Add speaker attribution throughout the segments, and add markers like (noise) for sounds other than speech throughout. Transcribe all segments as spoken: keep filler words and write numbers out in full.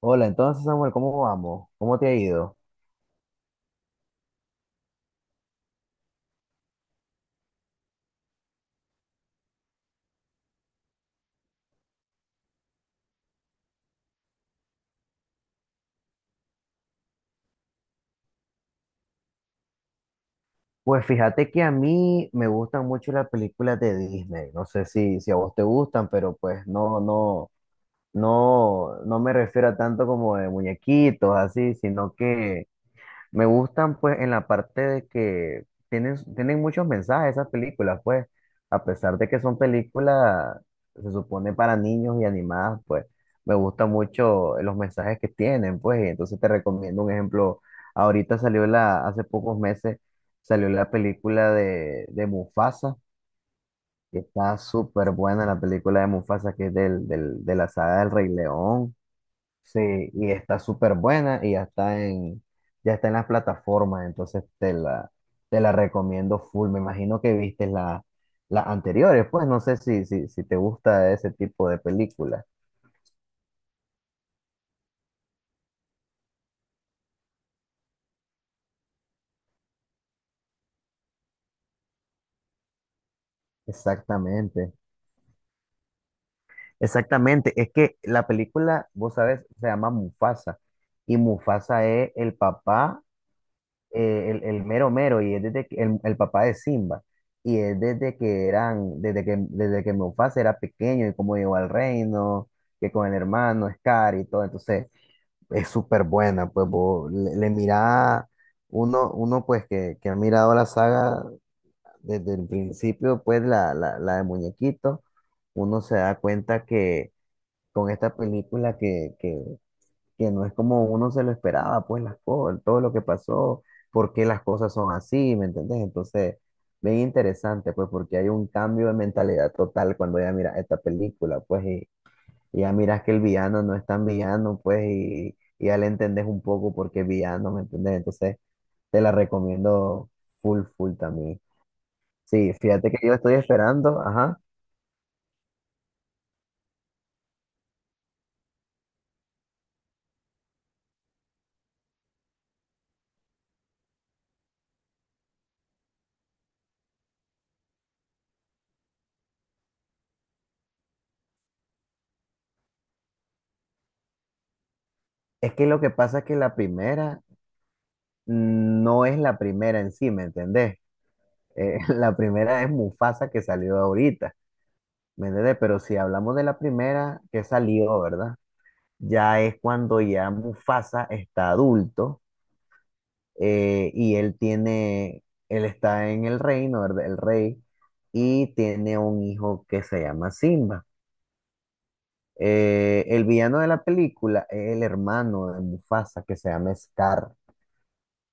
Speaker 1: Hola, entonces Samuel, ¿cómo vamos? ¿Cómo te ha ido? Pues fíjate que a mí me gustan mucho las películas de Disney. No sé si, si a vos te gustan, pero pues no, no, no, no me refiero a tanto como de muñequitos, así, sino que me gustan pues en la parte de que tienen, tienen muchos mensajes esas películas, pues a pesar de que son películas, se supone para niños y animadas, pues me gustan mucho los mensajes que tienen, pues y entonces te recomiendo un ejemplo. Ahorita salió la, hace pocos meses salió la película de, de Mufasa, que está súper buena la película de Mufasa, que es del, del- de la saga del Rey León. Sí, y está súper buena y ya está en, ya está en las plataformas, entonces te la, te la recomiendo full. Me imagino que viste la- las anteriores, pues no sé si, si, si te gusta ese tipo de película. Exactamente, exactamente. Es que la película, vos sabes, se llama Mufasa y Mufasa es el papá, eh, el, el mero mero y es desde que- el, el papá de Simba y es desde que eran desde que desde que Mufasa era pequeño y cómo llegó al reino que con el hermano Scar y todo, entonces es súper buena, pues vos le, le mira. Uno uno pues que, que ha mirado la saga desde el principio, pues la, la, la de muñequito, uno se da cuenta que con esta película que que que no es como uno se lo esperaba, pues las cosas, todo lo que pasó, por qué las cosas son así, ¿me entendés? Entonces, bien interesante, pues porque hay un cambio de mentalidad total cuando ya miras esta película, pues, y, y ya miras que el villano no es tan villano, pues, y, y ya le entendés un poco por qué es villano, ¿me entendés? Entonces, te la recomiendo full, full también. Sí, fíjate que yo estoy esperando, ajá. Es que lo que pasa es que la primera no es la primera en sí, ¿me entendés? Eh, (laughs) la primera es Mufasa que salió ahorita, ¿me entiendes? Pero si hablamos de la primera que salió, ¿verdad? Ya es cuando ya Mufasa está adulto, eh, y él tiene, él está en el reino, ¿verdad? El rey, y tiene un hijo que se llama Simba. Eh, el villano de la película es el hermano de Mufasa que se llama Scar,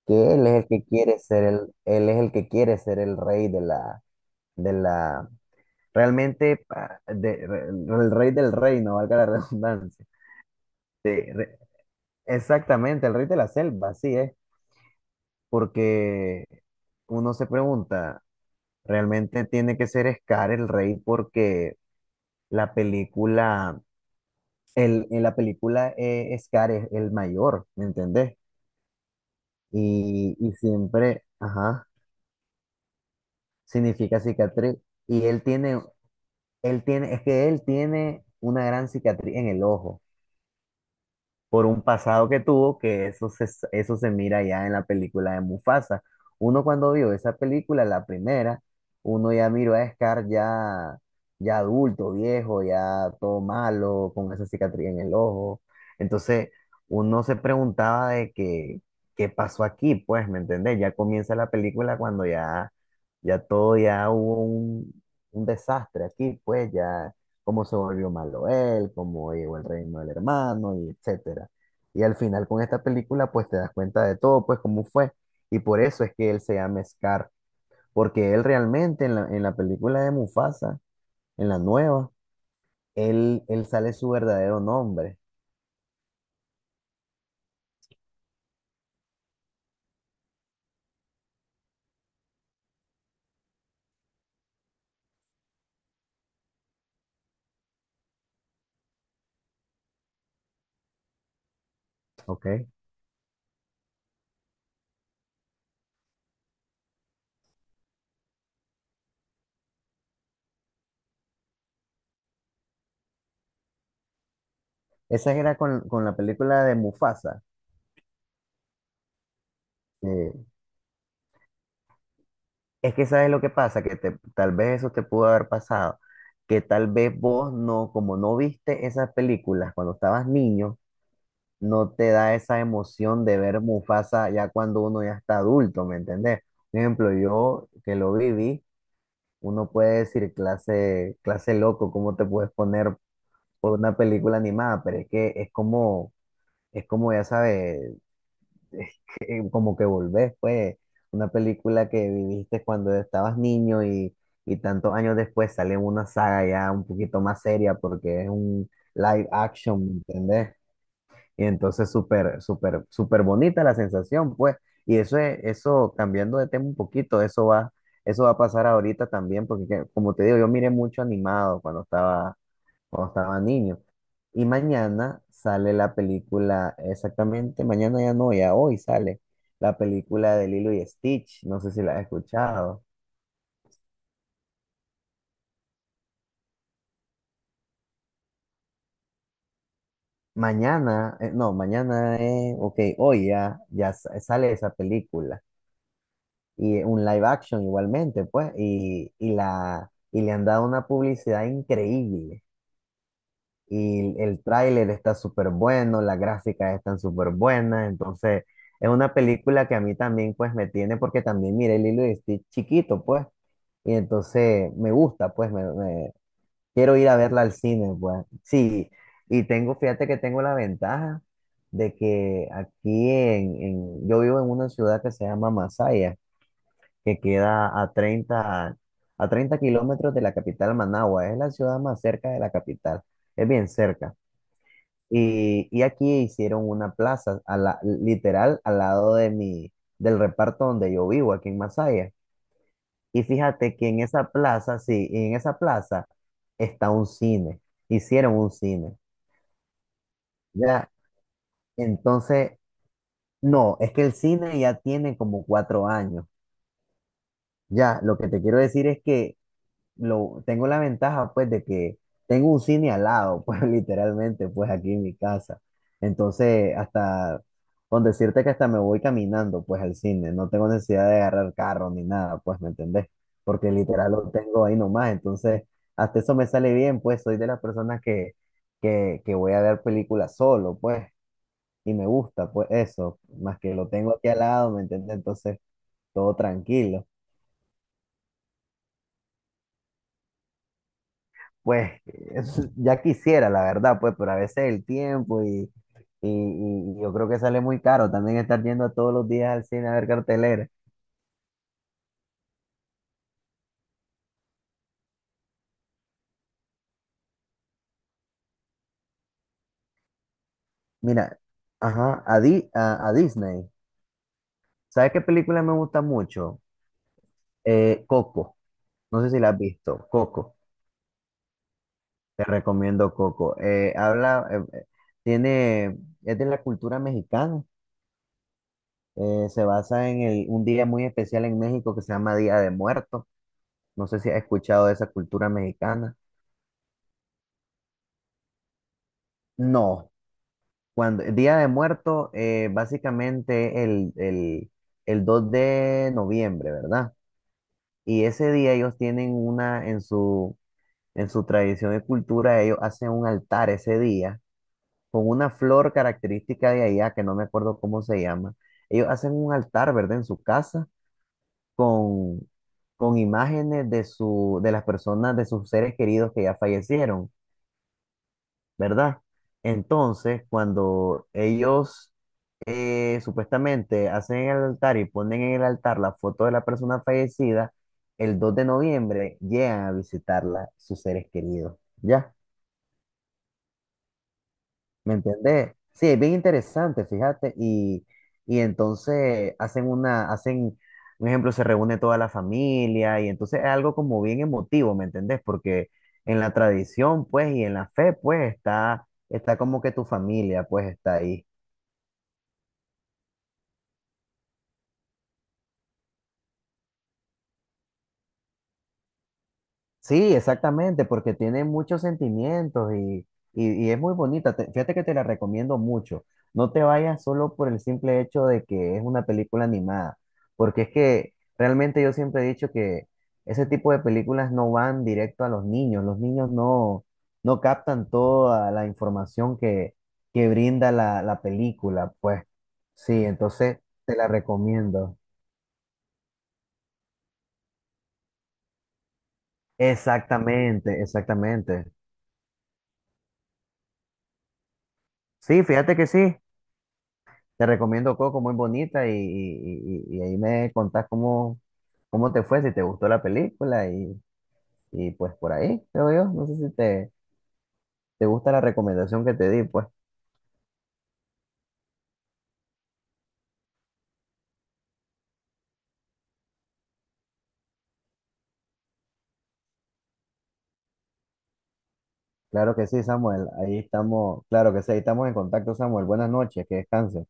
Speaker 1: que él es el que quiere ser el, él es el que quiere ser el rey de la, de la, realmente, pa- de- re- el rey del reino, valga la (laughs) redundancia. De- re- Exactamente, el rey de la selva, así es. Porque uno se pregunta, ¿realmente tiene que ser Scar el rey? Porque la película, el, en la película, eh, Scar es el mayor, ¿me entendés? Y, y siempre, ajá, significa cicatriz. Y él tiene, él tiene, es que él tiene una gran cicatriz en el ojo, por un pasado que tuvo, que eso se, eso se mira ya en la película de Mufasa. Uno cuando vio esa película, la primera, uno ya miró a Scar ya, ya adulto, viejo, ya todo malo, con esa cicatriz en el ojo. Entonces, uno se preguntaba de que, qué pasó aquí, pues, ¿me entendés? Ya comienza la película cuando ya, ya todo, ya hubo un, un, desastre aquí, pues, ya cómo se volvió malo él, cómo llegó el reino del hermano, y etcétera. Y al final con esta película, pues te das cuenta de todo, pues cómo fue. Y por eso es que él se llama Scar, porque él realmente en la, en la película de Mufasa, en la nueva, él, él sale su verdadero nombre, ¿ok? Esa era con, con la película de Mufasa. eh, es que sabes lo que pasa, que te- tal vez eso te pudo haber pasado, que tal vez vos no, como no viste esas películas cuando estabas niño, no te da esa emoción de ver Mufasa ya cuando uno ya está adulto, ¿me entendés? Por ejemplo, yo que lo viví, uno puede decir clase, clase loco, ¿cómo te puedes poner por una película animada? Pero es que es como, es como ya sabes, (laughs) es que como que volvés, pues, una película que viviste cuando estabas niño, y, y tantos años después sale una saga ya un poquito más seria porque es un live action, ¿me entendés? Y entonces súper, súper, súper bonita la sensación, pues. Y eso es, eso, cambiando de tema un poquito, eso va, eso va a pasar ahorita también, porque que- como te digo, yo miré mucho animado cuando estaba, cuando estaba niño. Y mañana sale la película, exactamente, mañana ya no, ya hoy sale la película de Lilo y Stitch, no sé si la has escuchado. Mañana, eh, no, mañana es, ok, hoy ya, ya sa- sale esa película, y un live action igualmente, pues, y, y la, y le han dado una publicidad increíble. Y el tráiler está súper bueno, las gráficas están súper buenas, entonces es una película que a mí también, pues, me tiene, porque también miré Lilo y Stitch chiquito, pues, y entonces me gusta, pues, me, me- quiero ir a verla al cine, pues, sí, y tengo, fíjate que tengo la ventaja de que aquí en, en- yo vivo en una ciudad que se llama Masaya, que queda a treinta a treinta kilómetros de la capital Managua. Es la ciudad más cerca de la capital, es bien cerca. Y, y aquí hicieron una plaza, a la, literal, al lado de mi, del reparto donde yo vivo, aquí en Masaya. Y fíjate que en esa plaza, sí, en esa plaza está un cine, hicieron un cine. Ya, entonces, no, es que el cine ya tiene como cuatro años. Ya, lo que te quiero decir es que lo, tengo la ventaja, pues, de que tengo un cine al lado, (laughs) pues, literalmente, pues, aquí en mi casa. Entonces, hasta, con decirte que hasta me voy caminando, pues, al cine, no tengo necesidad de agarrar carro ni nada, pues, ¿me entendés? Porque literal lo tengo ahí nomás, entonces, hasta eso me sale bien, pues, soy de las personas que, que, que voy a ver películas solo, pues, y me gusta, pues, eso, más que lo tengo aquí al lado, ¿me entendés? Entonces, todo tranquilo. Pues (laughs) es- ya quisiera, la verdad, pues, pero a veces el tiempo y, y, y yo creo que sale muy caro también estar yendo a todos los días al cine a ver cartelera. Mira, ajá, a, Di- a, a Disney. ¿Sabes qué película me gusta mucho? Eh, Coco. No sé si la has visto. Coco. Te recomiendo Coco. Eh, habla, eh, eh, tiene, es de la cultura mexicana. Eh, se basa en el un día muy especial en México que se llama Día de Muertos. No sé si has escuchado de esa cultura mexicana. No, cuando el Día de Muerto, eh, básicamente el, el, el dos de noviembre, ¿verdad? Y ese día ellos tienen una, en su, en su, tradición y cultura, ellos hacen un altar ese día con una flor característica de allá, que no me acuerdo cómo se llama. Ellos hacen un altar, ¿verdad? En su casa con, con imágenes de, su, de las personas, de sus seres queridos que ya fallecieron, ¿verdad? Entonces, cuando ellos, eh, supuestamente hacen el altar y ponen en el altar la foto de la persona fallecida, el dos de noviembre llegan a visitarla sus seres queridos. ¿Ya? ¿Me entendés? Sí, es bien interesante, fíjate. Y, y entonces hacen una, hacen, un ejemplo, se reúne toda la familia y entonces es algo como bien emotivo, ¿me entendés? Porque en la tradición, pues, y en la fe, pues, está, está como que tu familia, pues, está ahí. Sí, exactamente, porque tiene muchos sentimientos, y, y- y es muy bonita. Te- fíjate que te la recomiendo mucho. No te vayas solo por el simple hecho de que es una película animada, porque es que realmente yo siempre he dicho que ese tipo de películas no van directo a los niños. Los niños no, no captan toda la información que, que brinda la, la película. Pues sí, entonces te la recomiendo. Exactamente, exactamente. Sí, fíjate que sí. Te recomiendo Coco, muy bonita, y, y- y- y ahí me contás cómo, cómo te fue, si te gustó la película y, y pues por ahí, creo yo. No sé si te, te gusta la recomendación que te di, pues claro que sí, Samuel, ahí estamos, claro que sí, ahí estamos en contacto, Samuel. Buenas noches, que descanses.